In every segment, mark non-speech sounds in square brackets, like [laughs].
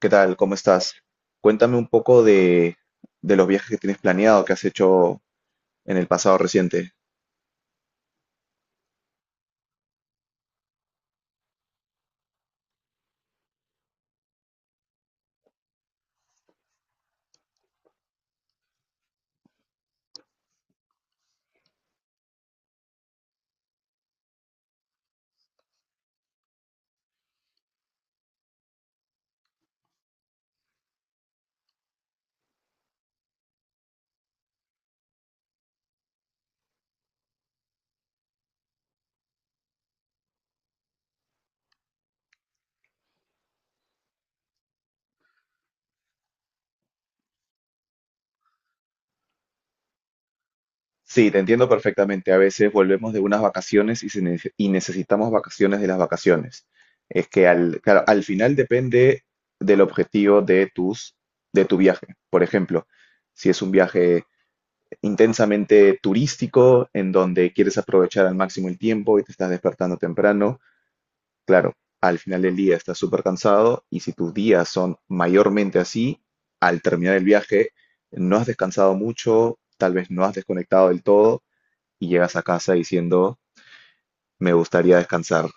¿Qué tal? ¿Cómo estás? Cuéntame un poco de los viajes que tienes planeado, que has hecho en el pasado reciente. Sí, te entiendo perfectamente. A veces volvemos de unas vacaciones y, y necesitamos vacaciones de las vacaciones. Es que claro, al final depende del objetivo de tu viaje. Por ejemplo, si es un viaje intensamente turístico, en donde quieres aprovechar al máximo el tiempo y te estás despertando temprano, claro, al final del día estás súper cansado y si tus días son mayormente así, al terminar el viaje no has descansado mucho, tal vez no has desconectado del todo y llegas a casa diciendo, me gustaría descansar.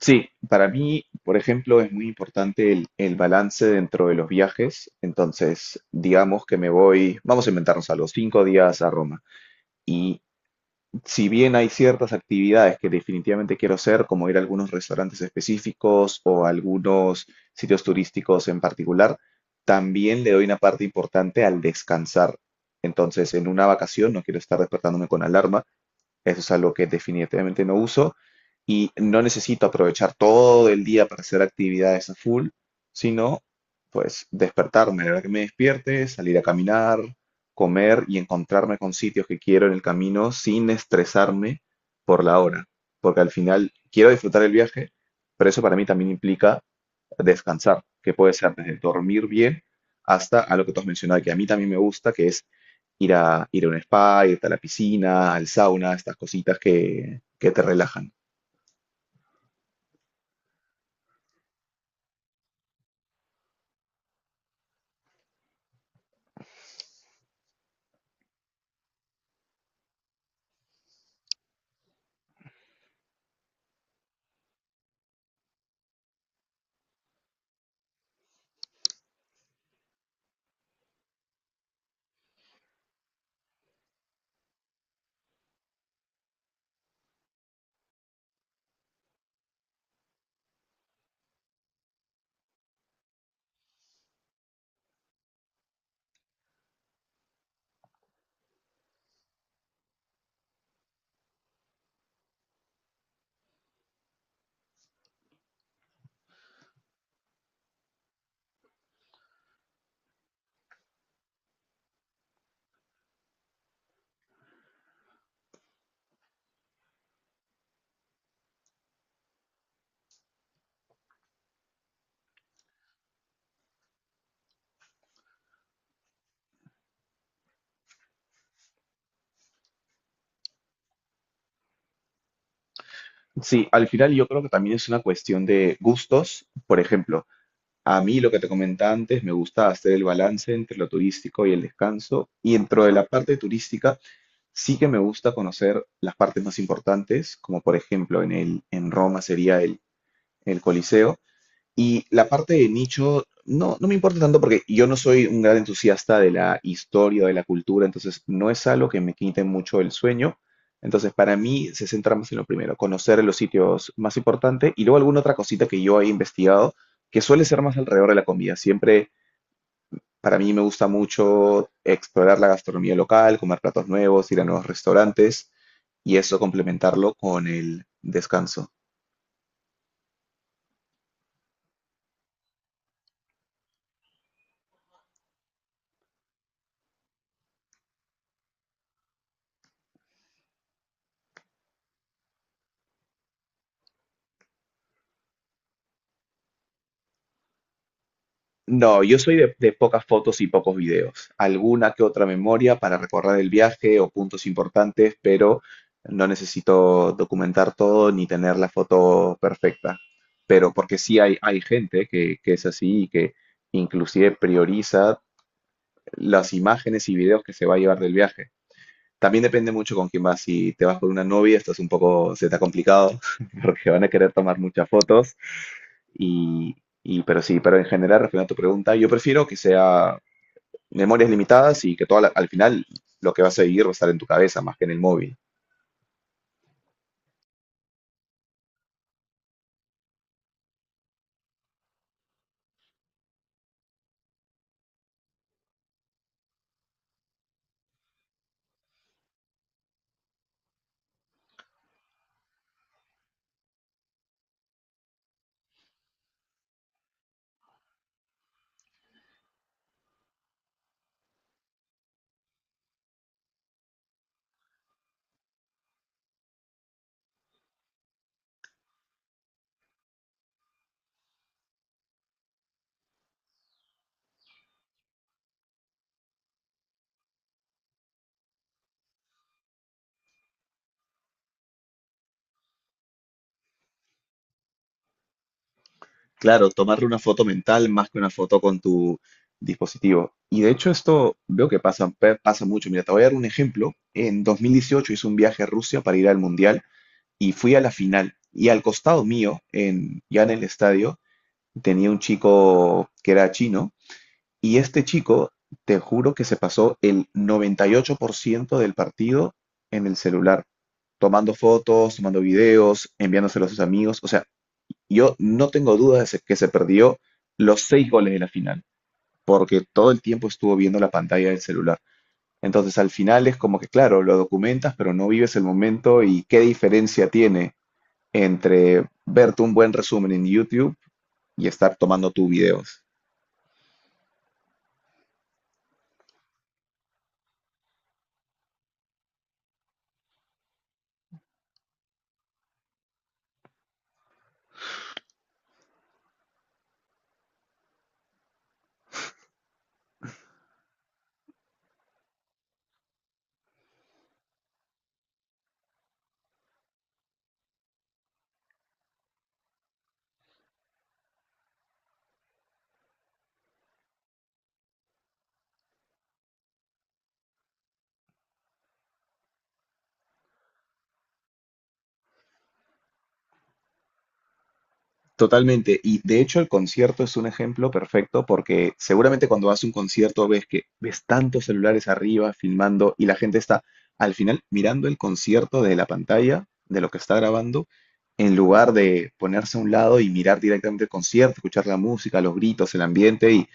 Sí, para mí, por ejemplo, es muy importante el balance dentro de los viajes. Entonces, digamos que me voy, vamos a inventarnos algo, 5 días a Roma, y si bien hay ciertas actividades que definitivamente quiero hacer, como ir a algunos restaurantes específicos o a algunos sitios turísticos en particular, también le doy una parte importante al descansar. Entonces, en una vacación no quiero estar despertándome con alarma, eso es algo que definitivamente no uso y no necesito aprovechar todo el día para hacer actividades a full, sino pues despertarme, a la hora que me despierte, salir a caminar, comer y encontrarme con sitios que quiero en el camino sin estresarme por la hora, porque al final quiero disfrutar el viaje, pero eso para mí también implica descansar, que puede ser desde dormir bien hasta a lo que tú has mencionado, que a mí también me gusta, que es ir a un spa, irte a la piscina, al sauna, estas cositas que te relajan. Sí, al final yo creo que también es una cuestión de gustos. Por ejemplo, a mí lo que te comentaba antes, me gusta hacer el balance entre lo turístico y el descanso. Y dentro de la parte turística, sí que me gusta conocer las partes más importantes, como por ejemplo en Roma sería el Coliseo. Y la parte de nicho no me importa tanto porque yo no soy un gran entusiasta de la historia, de la cultura, entonces no es algo que me quite mucho el sueño. Entonces para mí se centra más en lo primero, conocer los sitios más importantes y luego alguna otra cosita que yo he investigado, que suele ser más alrededor de la comida. Siempre para mí me gusta mucho explorar la gastronomía local, comer platos nuevos, ir a nuevos restaurantes y eso complementarlo con el descanso. No, yo soy de pocas fotos y pocos videos. Alguna que otra memoria para recordar el viaje o puntos importantes, pero no necesito documentar todo ni tener la foto perfecta. Pero porque sí hay gente que es así y que inclusive prioriza las imágenes y videos que se va a llevar del viaje. También depende mucho con quién vas. Si te vas con una novia, esto es un poco, se te ha complicado [laughs] porque van a querer tomar muchas fotos. Y, pero sí, pero en general, respondiendo a tu pregunta, yo prefiero que sea memorias limitadas y que todo al final lo que vas a vivir va a estar en tu cabeza más que en el móvil. Claro, tomarle una foto mental más que una foto con tu dispositivo. Y de hecho esto veo que pasa mucho. Mira, te voy a dar un ejemplo. En 2018 hice un viaje a Rusia para ir al Mundial y fui a la final. Y al costado mío, ya en el estadio, tenía un chico que era chino. Y este chico, te juro que se pasó el 98% del partido en el celular, tomando fotos, tomando videos, enviándoselo a sus amigos. O sea, yo no tengo duda que se perdió los 6 goles de la final, porque todo el tiempo estuvo viendo la pantalla del celular. Entonces, al final es como que, claro, lo documentas, pero no vives el momento y qué diferencia tiene entre verte un buen resumen en YouTube y estar tomando tus videos. Totalmente. Y de hecho el concierto es un ejemplo perfecto porque seguramente cuando vas a un concierto ves tantos celulares arriba filmando y la gente está al final mirando el concierto de la pantalla, de lo que está grabando, en lugar de ponerse a un lado y mirar directamente el concierto, escuchar la música, los gritos, el ambiente y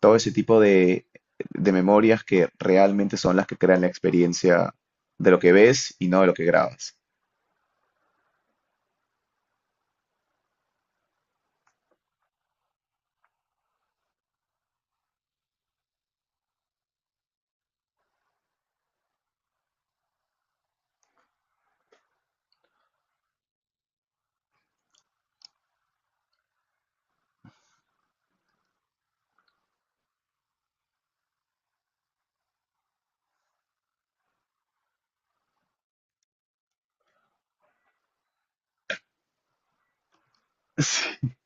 todo ese tipo de memorias que realmente son las que crean la experiencia de lo que ves y no de lo que grabas. [laughs]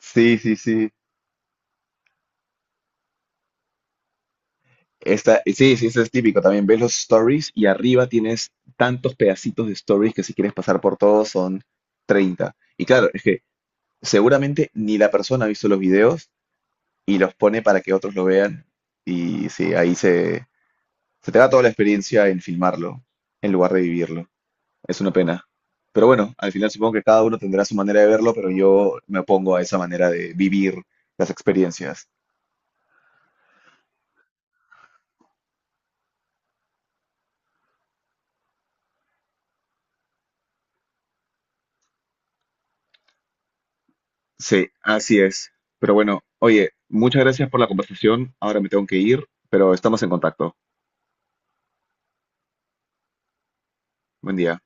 Sí, sí, sí. Esta, sí, sí, eso es típico. También ves los stories y arriba tienes tantos pedacitos de stories que si quieres pasar por todos son 30. Y claro, es que seguramente ni la persona ha visto los videos y los pone para que otros lo vean. Y sí, ahí se te va toda la experiencia en filmarlo, en lugar de vivirlo. Es una pena. Pero bueno, al final supongo que cada uno tendrá su manera de verlo, pero yo me opongo a esa manera de vivir las experiencias. Sí, así es. Pero bueno, oye, muchas gracias por la conversación. Ahora me tengo que ir, pero estamos en contacto. Buen día.